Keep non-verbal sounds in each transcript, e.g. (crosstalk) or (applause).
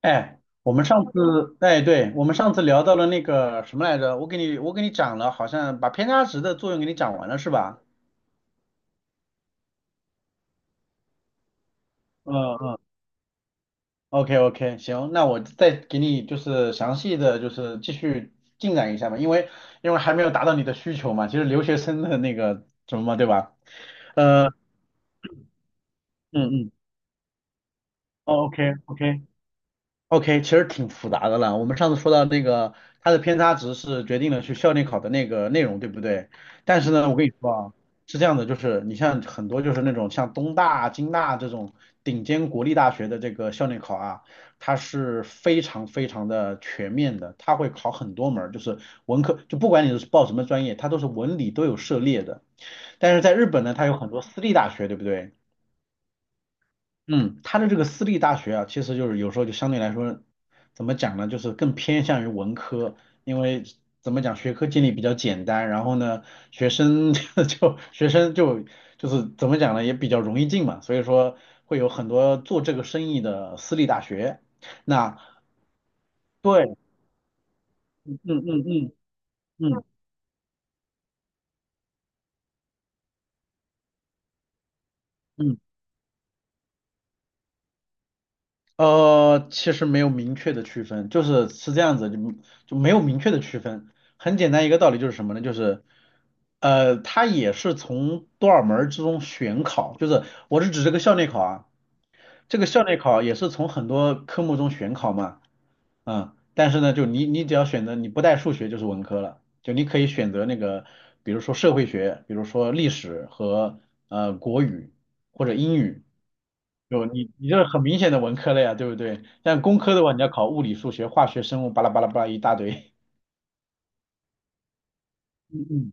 哎，我们上次，哎，对，我们上次聊到了那个什么来着？我给你讲了，好像把偏差值的作用给你讲完了，是吧？嗯嗯。OK OK，行，那我再给你就是详细的就是继续进展一下吧，因为还没有达到你的需求嘛，其实留学生的那个什么嘛，对吧？呃，嗯嗯，OK OK，OK，其实挺复杂的了。我们上次说到那个，它的偏差值是决定了去校内考的那个内容，对不对？但是呢，我跟你说啊，是这样的，就是你像很多就是那种像东大啊、京大啊这种顶尖国立大学的这个校内考啊，它是非常非常的全面的，它会考很多门儿就是文科，就不管你是报什么专业，它都是文理都有涉猎的。但是在日本呢，它有很多私立大学，对不对？嗯，它的这个私立大学啊，其实就是有时候就相对来说，怎么讲呢，就是更偏向于文科，因为怎么讲，学科建立比较简单，然后呢，学生 (laughs) 就学生就是怎么讲呢，也比较容易进嘛，所以说会有很多做这个生意的私立大学。那对，嗯嗯嗯嗯嗯，其实没有明确的区分，就是是这样子，就没有明确的区分。很简单一个道理就是什么呢？就是它也是从多少门儿之中选考，就是我是指这个校内考啊，这个校内考也是从很多科目中选考嘛，嗯，但是呢，就你只要选择你不带数学就是文科了，就你可以选择那个，比如说社会学，比如说历史和国语或者英语。你这很明显的文科类呀，对不对？但工科的话，你要考物理、数学、化学、生物，巴拉巴拉巴拉一大堆。(laughs) 嗯嗯，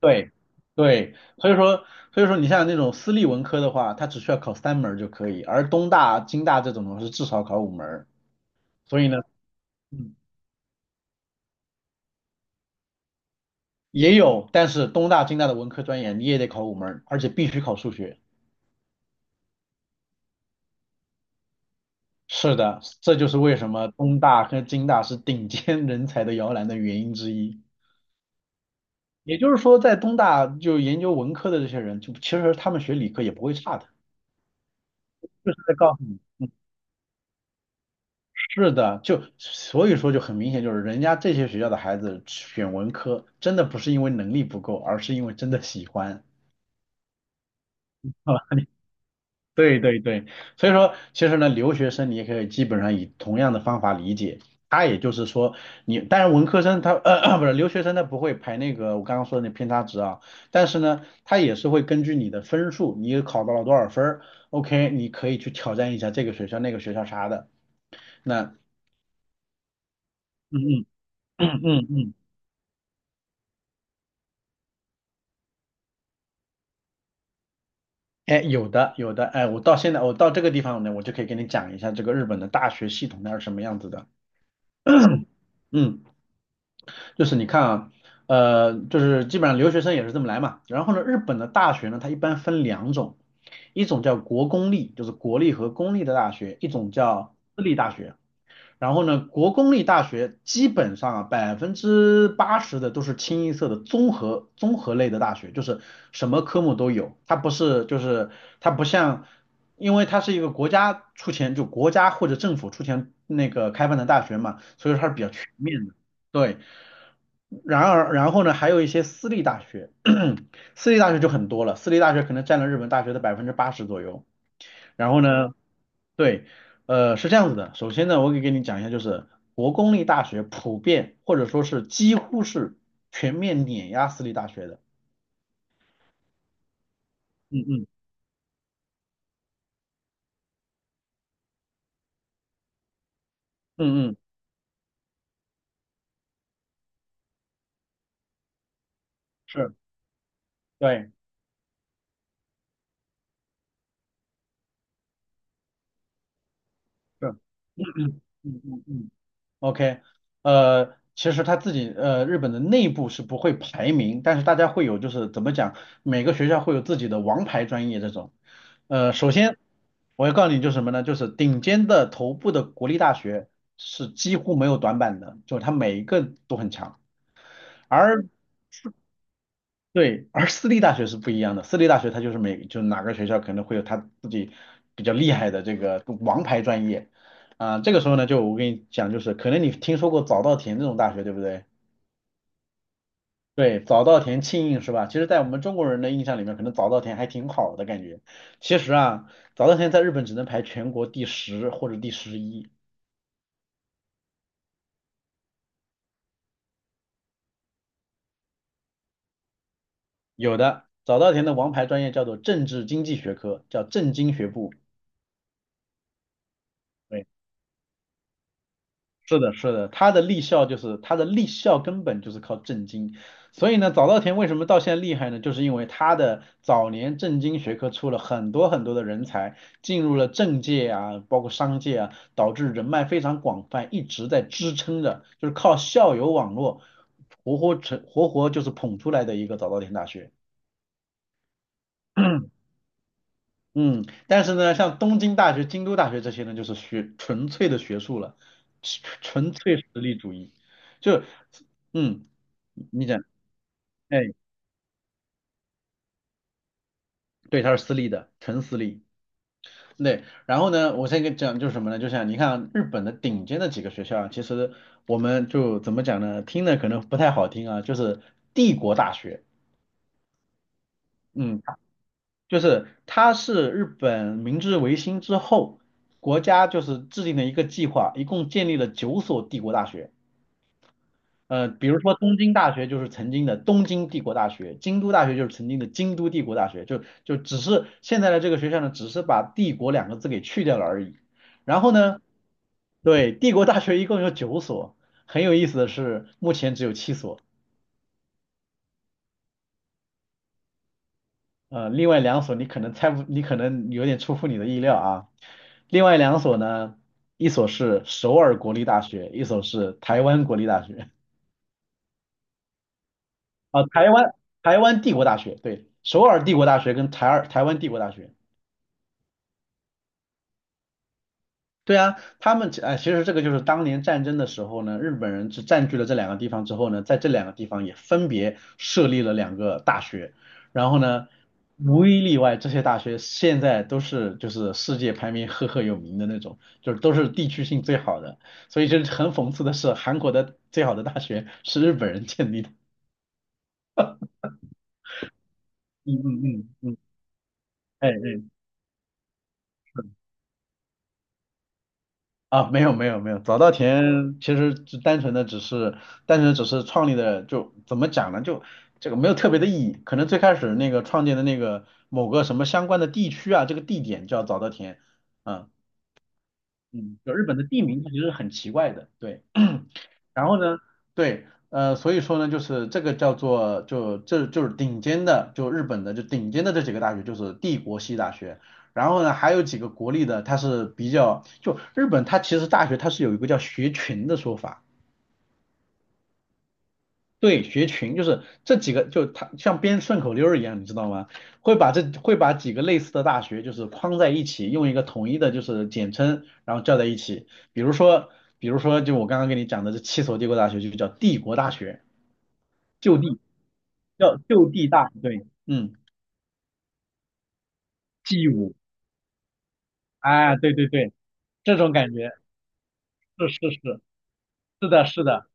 对对，所以说你像那种私立文科的话，它只需要考三门儿就可以，而东大、京大这种的话是至少考五门儿。所以呢，嗯，也有，但是东大、京大的文科专业你也得考五门儿，而且必须考数学。是的，这就是为什么东大和京大是顶尖人才的摇篮的原因之一。也就是说，在东大就研究文科的这些人，就其实他们学理科也不会差的，就是在告诉你，是的，就所以说就很明显，就是人家这些学校的孩子选文科，真的不是因为能力不够，而是因为真的喜欢。(laughs) 对对对，所以说其实呢，留学生你也可以基本上以同样的方法理解，他也就是说你，当然文科生他(clears throat) 不是留学生他不会排那个我刚刚说的那偏差值啊，但是呢，他也是会根据你的分数，你考到了多少分儿，OK，你可以去挑战一下这个学校那个学校啥的，那嗯嗯 (clears throat) 嗯嗯嗯，哎有的有的，哎我到这个地方呢，我就可以给你讲一下这个日本的大学系统它是什么样子的，嗯。就是你看啊，就是基本上留学生也是这么来嘛。然后呢，日本的大学呢，它一般分两种，一种叫国公立，就是国立和公立的大学，一种叫私立大学。然后呢，国公立大学基本上啊，百分之八十的都是清一色的综合类的大学，就是什么科目都有。它不是就是它不像，因为它是一个国家出钱，就国家或者政府出钱那个开办的大学嘛，所以说它是比较全面的。对，然而，然后呢，还有一些私立大学，(coughs) (clears throat) 私立大学就很多了，私立大学可能占了日本大学的百分之八十左右。然后呢，对，是这样子的。首先呢，我可以给你讲一下，就是国公立大学普遍或者说是几乎是全面碾压私立大学的。嗯嗯嗯嗯，是，对，是，嗯嗯嗯嗯。OK，其实他自己日本的内部是不会排名，但是大家会有就是怎么讲，每个学校会有自己的王牌专业这种。首先我要告诉你就是什么呢？就是顶尖的头部的国立大学是几乎没有短板的，就是它每一个都很强。而对，而私立大学是不一样的，私立大学它就是就哪个学校可能会有它自己比较厉害的这个王牌专业，啊、这个时候呢，就我跟你讲，就是可能你听说过早稻田这种大学，对不对？对，早稻田、庆应是吧？其实，在我们中国人的印象里面，可能早稻田还挺好的感觉。其实啊，早稻田在日本只能排全国第十或者第十一，有的早稻田的王牌专业叫做政治经济学科，叫政经学部。是的，是的，他的立校根本就是靠政经，所以呢，早稻田为什么到现在厉害呢？就是因为他的早年政经学科出了很多很多的人才，进入了政界啊，包括商界啊，导致人脉非常广泛，一直在支撑着，就是靠校友网络活活成活活就是捧出来的一个早稻田大学。(clears throat) 嗯，但是呢，像东京大学、京都大学这些呢，就是学纯粹的学术了，纯粹实力主义。就，嗯，你讲，哎，对，它是私立的，纯私立。对，然后呢，我先跟你讲就是什么呢？就像你看日本的顶尖的几个学校啊，其实我们就怎么讲呢？听的可能不太好听啊，就是帝国大学，嗯，就是它是日本明治维新之后，国家就是制定了一个计划，一共建立了九所帝国大学。比如说东京大学就是曾经的东京帝国大学，京都大学就是曾经的京都帝国大学，就只是现在的这个学校呢，只是把"帝国"两个字给去掉了而已。然后呢，对，帝国大学一共有九所，很有意思的是，目前只有七所，另外两所你可能猜不，你可能有点出乎你的意料啊。另外两所呢，一所是首尔国立大学，一所是台湾国立大学。啊，台湾帝国大学，对，首尔帝国大学跟台湾帝国大学，对啊，他们哎，其实这个就是当年战争的时候呢，日本人是占据了这两个地方之后呢，在这两个地方也分别设立了两个大学，然后呢，无一例外，这些大学现在都是就是世界排名赫赫有名的那种，就是都是地区性最好的，所以就是很讽刺的是，韩国的最好的大学是日本人建立的。嗯嗯嗯嗯，哎哎。啊，没有没有没有，早稻田其实就单纯的只是创立的，就怎么讲呢？就这个没有特别的意义，可能最开始那个创建的那个某个什么相关的地区啊，这个地点叫早稻田，嗯。嗯，就日本的地名它其实很奇怪的，对。(clears throat) 然后呢，对，所以说呢，就是这个叫做就这就是顶尖的，就日本的就顶尖的这几个大学就是帝国系大学，然后呢还有几个国立的，它是比较就日本它其实大学它是有一个叫学群的说法。对，学群就是这几个，就它像编顺口溜儿一样，你知道吗？会把几个类似的大学就是框在一起，用一个统一的就是简称，然后叫在一起。比如说，比如说就我刚刚跟你讲的这七所帝国大学就叫帝国大学，就地叫就地大，对，嗯，G5，啊，对对对，这种感觉是是是是的是的。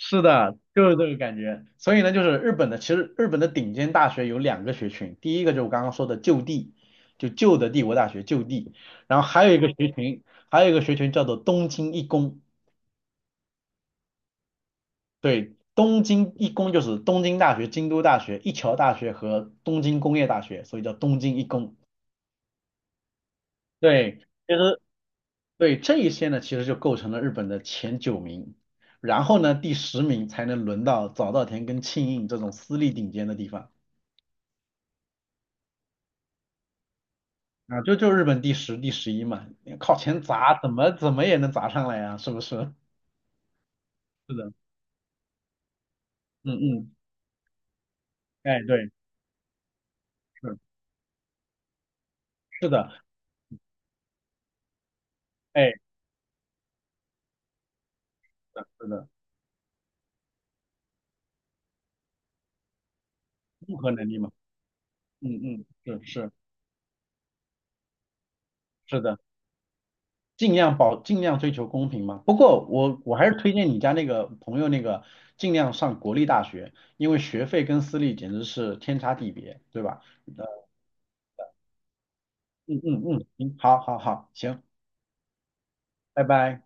是的，就是这个感觉。所以呢，就是日本的，其实日本的顶尖大学有两个学群，第一个就是我刚刚说的就地，就旧的帝国大学就地，然后还有一个学群，叫做东京一工，对，东京一工就是东京大学、京都大学、一桥大学和东京工业大学，所以叫东京一工。对，其实对这一些呢，其实就构成了日本的前九名，然后呢，第10名才能轮到早稻田跟庆应这种私立顶尖的地方。啊，就日本第十、第十一嘛，你靠钱砸，怎么怎么也能砸上来呀、是不是？(laughs) 是的，嗯嗯，哎，对，是是的，哎，是的，是的，综合能力嘛，嗯嗯，是是是的，尽量追求公平嘛。不过我还是推荐你家那个朋友那个，尽量上国立大学，因为学费跟私立简直是天差地别，对吧？嗯嗯嗯，行，好好好，行，拜拜。